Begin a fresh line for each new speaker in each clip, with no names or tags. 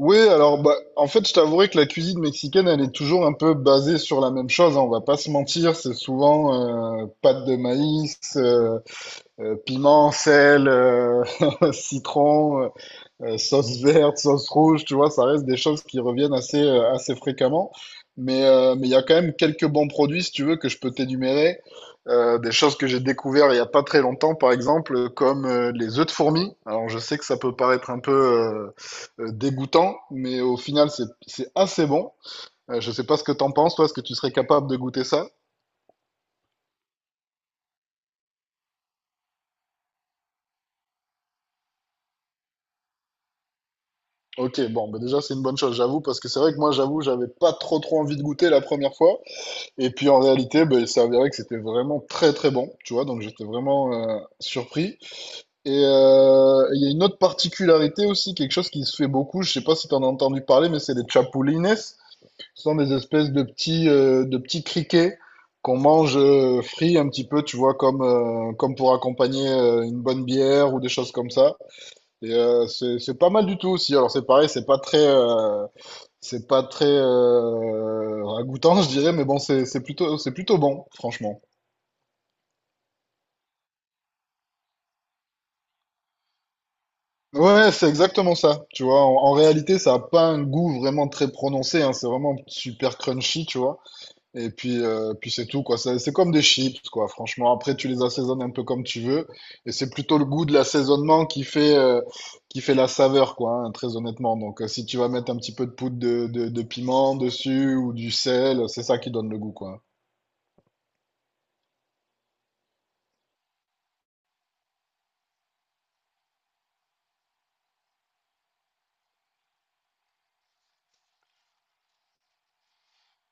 Oui, alors bah, en fait, je t'avouerai que la cuisine mexicaine, elle est toujours un peu basée sur la même chose, hein, on va pas se mentir, c'est souvent pâte de maïs, piment, sel, citron, sauce verte, sauce rouge, tu vois, ça reste des choses qui reviennent assez, assez fréquemment. Mais il y a quand même quelques bons produits, si tu veux, que je peux t'énumérer. Des choses que j'ai découvert il y a pas très longtemps, par exemple, comme les œufs de fourmi. Alors, je sais que ça peut paraître un peu dégoûtant, mais au final, c'est assez bon. Je sais pas ce que t'en penses, toi, est-ce que tu serais capable de goûter ça? Ok, bon, bah déjà, c'est une bonne chose, j'avoue, parce que c'est vrai que moi, j'avoue, j'avais pas trop trop envie de goûter la première fois. Et puis en réalité, ben, il s'est que c'était vraiment très très bon, tu vois, donc j'étais vraiment surpris. Et il y a une autre particularité aussi, quelque chose qui se fait beaucoup, je sais pas si tu en as entendu parler, mais c'est les chapulines. Ce sont des espèces de petits criquets qu'on mange frits un petit peu, tu vois, comme, comme pour accompagner une bonne bière ou des choses comme ça. Et c'est pas mal du tout aussi. Alors c'est pareil, c'est pas très ragoûtant, je dirais, mais bon, c'est plutôt, c'est plutôt bon, franchement. Ouais, ouais, c'est exactement ça, tu vois. En réalité, ça a pas un goût vraiment très prononcé, hein, c'est vraiment super crunchy, tu vois. Et puis, puis c'est tout, quoi. C'est comme des chips, quoi, franchement. Après, tu les assaisonnes un peu comme tu veux. Et c'est plutôt le goût de l'assaisonnement qui fait la saveur, quoi, hein, très honnêtement. Donc, si tu vas mettre un petit peu de poudre de piment dessus ou du sel, c'est ça qui donne le goût, quoi.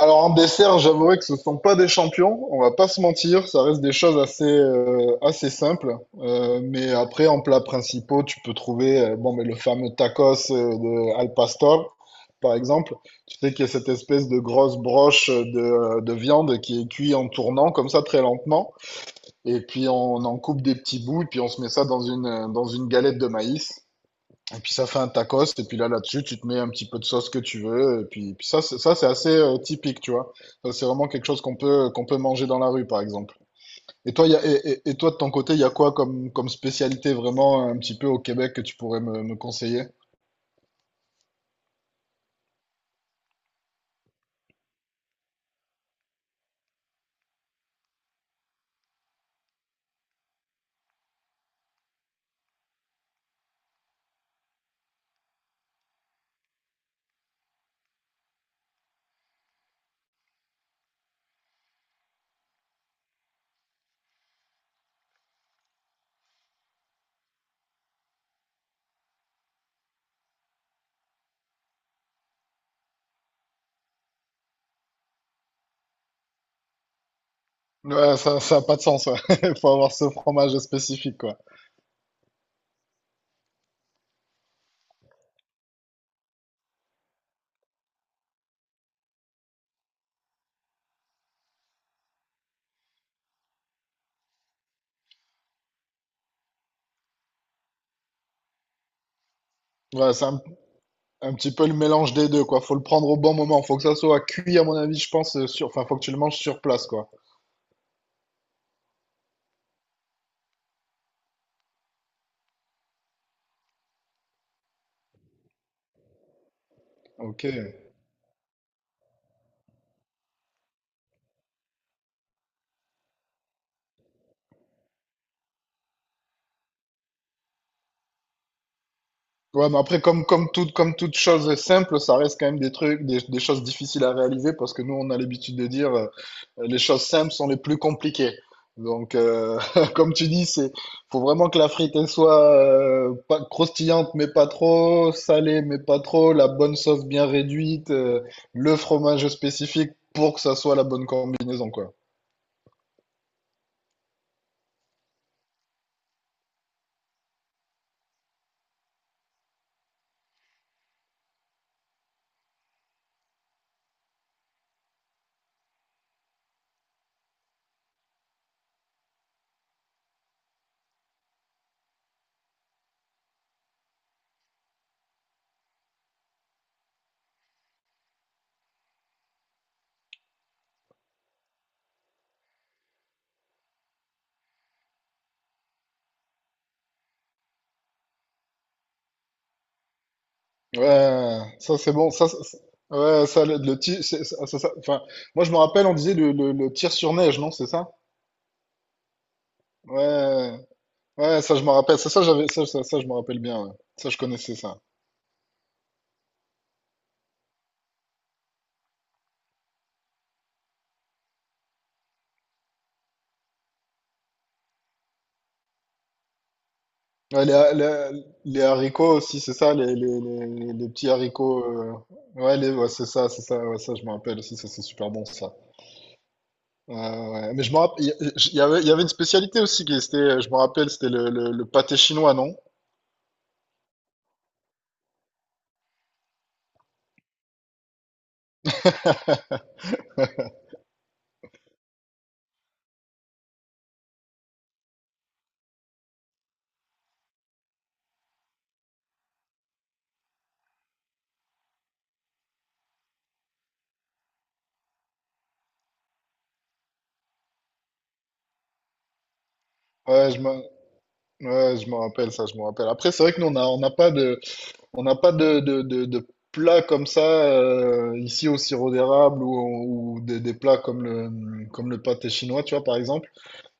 Alors en dessert, j'avouerai que ce ne sont pas des champions, on va pas se mentir, ça reste des choses assez, assez simples. Mais après, en plats principaux, tu peux trouver bon, mais le fameux tacos de Al Pastor, par exemple. Tu sais qu'il y a cette espèce de grosse broche de viande qui est cuite en tournant comme ça très lentement. Et puis on en coupe des petits bouts, et puis on se met ça dans une galette de maïs. Et puis ça fait un tacos, et puis là, là-dessus, tu te mets un petit peu de sauce que tu veux, et puis ça, ça c'est assez typique, tu vois. Ça, c'est vraiment quelque chose qu'on peut manger dans la rue, par exemple. Et toi, il y a, et toi, de ton côté, il y a quoi comme, comme spécialité vraiment un petit peu au Québec que tu pourrais me conseiller? Ouais, ça a pas de sens, ouais. Faut avoir ce fromage spécifique, quoi. Ouais, c'est un, un petit peu le mélange des deux, quoi. Faut le prendre au bon moment. Faut que ça soit cuit, à mon avis, je pense, enfin, faut que tu le manges sur place, quoi. Ok. Ouais, mais après, comme toute chose simple, ça reste quand même des trucs, des choses difficiles à réaliser parce que nous, on a l'habitude de dire les choses simples sont les plus compliquées. Donc, comme tu dis, c'est, faut vraiment que la frite elle soit pas croustillante mais pas trop, salée mais pas trop, la bonne sauce bien réduite, le fromage spécifique pour que ça soit la bonne combinaison, quoi. Ouais, ça c'est bon, ouais, ça le, tir ça- enfin, moi je me rappelle, on disait le tir sur neige, non, c'est ça? Ouais, ouais, ouais, ça je me rappelle. Ça, j'avais, ça, je me rappelle bien. Ouais. Ça, je connaissais ça. Ouais, les haricots aussi, c'est ça, les petits haricots. Ouais, ouais, c'est ça, ouais, ça, je me rappelle aussi, ça, c'est super bon, ça. Ouais, ouais. Mais je me rappelle, il y avait une spécialité aussi qui était, je me rappelle, c'était le pâté chinois, non? Ouais, ouais, je me rappelle ça, je me rappelle. Après, c'est vrai que nous, on a, on n'a pas de, on n'a pas de plats comme ça ici au sirop d'érable ou des plats comme comme le pâté chinois, tu vois, par exemple.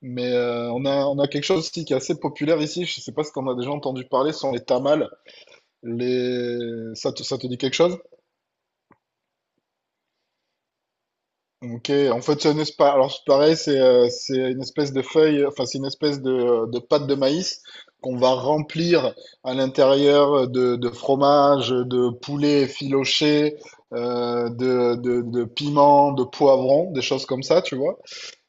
Mais on a quelque chose aussi qui est assez populaire ici. Je sais pas si tu en as déjà entendu parler, ce sont les tamales. Les... ça te dit quelque chose? Ok, en fait, c'est une espèce, alors c'est pareil, c'est une espèce de feuille, enfin, c'est une espèce de pâte de maïs qu'on va remplir à l'intérieur de fromage, de poulet effiloché, de piment, de poivron, des choses comme ça, tu vois.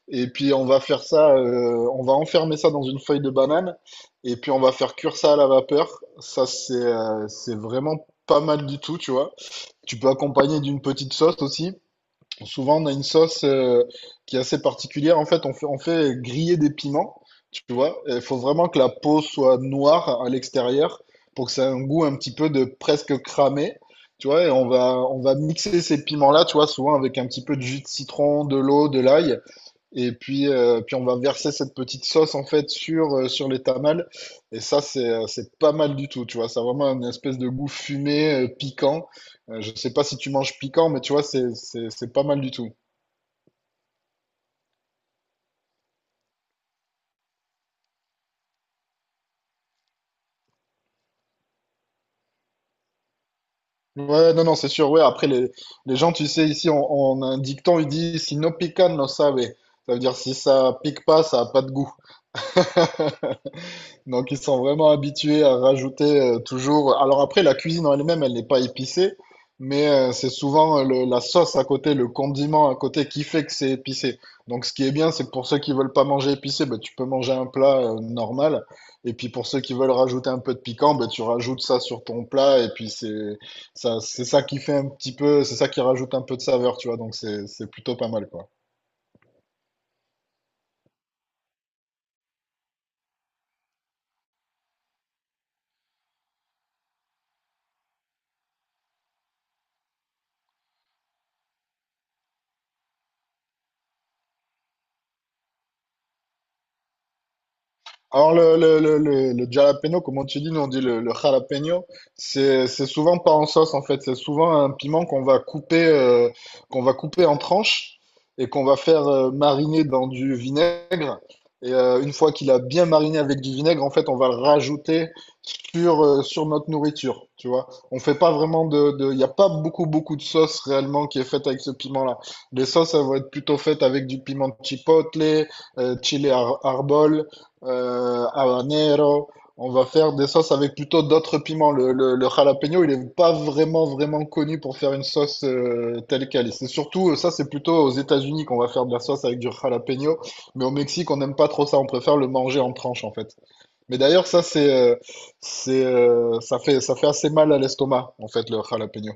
Et puis, on va faire ça, on va enfermer ça dans une feuille de banane, et puis on va faire cuire ça à la vapeur. Ça, c'est vraiment pas mal du tout, tu vois. Tu peux accompagner d'une petite sauce aussi. Souvent, on a une sauce qui est assez particulière. En fait, on fait griller des piments, tu vois. Il faut vraiment que la peau soit noire à l'extérieur pour que ça ait un goût un petit peu de presque cramé, tu vois. Et on va mixer ces piments-là, tu vois, souvent avec un petit peu de jus de citron, de l'eau, de l'ail. Et puis, puis on va verser cette petite sauce en fait sur, sur les tamales. Et ça, c'est pas mal du tout, tu vois. Ça a vraiment une espèce de goût fumé, piquant. Je sais pas si tu manges piquant, mais tu vois, c'est pas mal du tout. Ouais, non, non, c'est sûr. Ouais, après, les gens, tu sais, ici, on a un dicton, il dit, si no pican, no sabe. Ça veut dire, si ça pique pas, ça a pas de goût. Donc ils sont vraiment habitués à rajouter toujours. Alors après, la cuisine en elle-même, elle n'est pas épicée, mais c'est souvent la sauce à côté, le condiment à côté qui fait que c'est épicé. Donc ce qui est bien, c'est que pour ceux qui veulent pas manger épicé, ben, tu peux manger un plat normal. Et puis pour ceux qui veulent rajouter un peu de piquant, ben, tu rajoutes ça sur ton plat. C'est ça qui fait un petit peu, c'est ça qui rajoute un peu de saveur, tu vois. Donc c'est plutôt pas mal, quoi. Alors, le jalapeno, comme on te dit, nous on dit le jalapeno, c'est souvent pas en sauce en fait, c'est souvent un piment qu'on va couper en tranches et qu'on va faire mariner dans du vinaigre. Et une fois qu'il a bien mariné avec du vinaigre, en fait, on va le rajouter sur, sur notre nourriture, tu vois. On fait pas vraiment il n'y a pas beaucoup, beaucoup de sauce réellement qui est faite avec ce piment-là. Les sauces, elles vont être plutôt faites avec du piment chipotle, chili arbol habanero. On va faire des sauces avec plutôt d'autres piments. Le jalapeno, il n'est pas vraiment, vraiment connu pour faire une sauce telle qu'elle. Et c'est surtout, ça, c'est plutôt aux États-Unis qu'on va faire de la sauce avec du jalapeno. Mais au Mexique, on n'aime pas trop ça. On préfère le manger en tranches, en fait. Mais d'ailleurs, ça, ça fait assez mal à l'estomac, en fait, le jalapeno.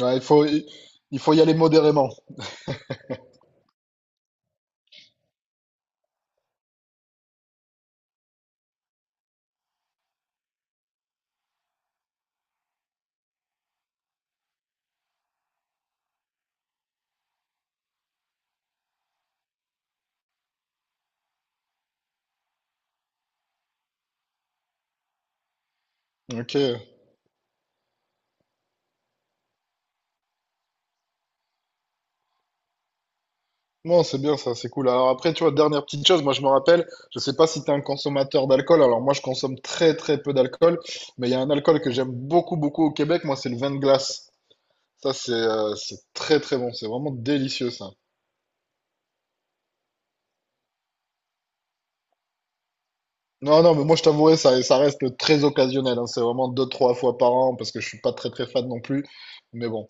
Ouais, il faut y aller modérément. Ok. Non, c'est bien ça, c'est cool. Alors après, tu vois, dernière petite chose, moi je me rappelle, je sais pas si tu es un consommateur d'alcool, alors moi je consomme très très peu d'alcool, mais il y a un alcool que j'aime beaucoup beaucoup au Québec, moi c'est le vin de glace. Ça c'est très très bon, c'est vraiment délicieux ça. Non, non, mais moi je t'avouerai, ça reste très occasionnel. Hein. C'est vraiment deux, trois fois par an parce que je suis pas très très fan non plus. Mais bon.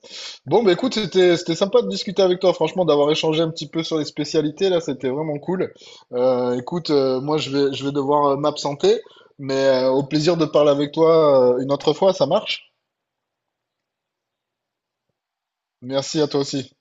Bon, bah écoute, c'était sympa de discuter avec toi, franchement, d'avoir échangé un petit peu sur les spécialités là, c'était vraiment cool. Écoute, moi je vais devoir m'absenter, mais au plaisir de parler avec toi une autre fois, ça marche? Merci à toi aussi.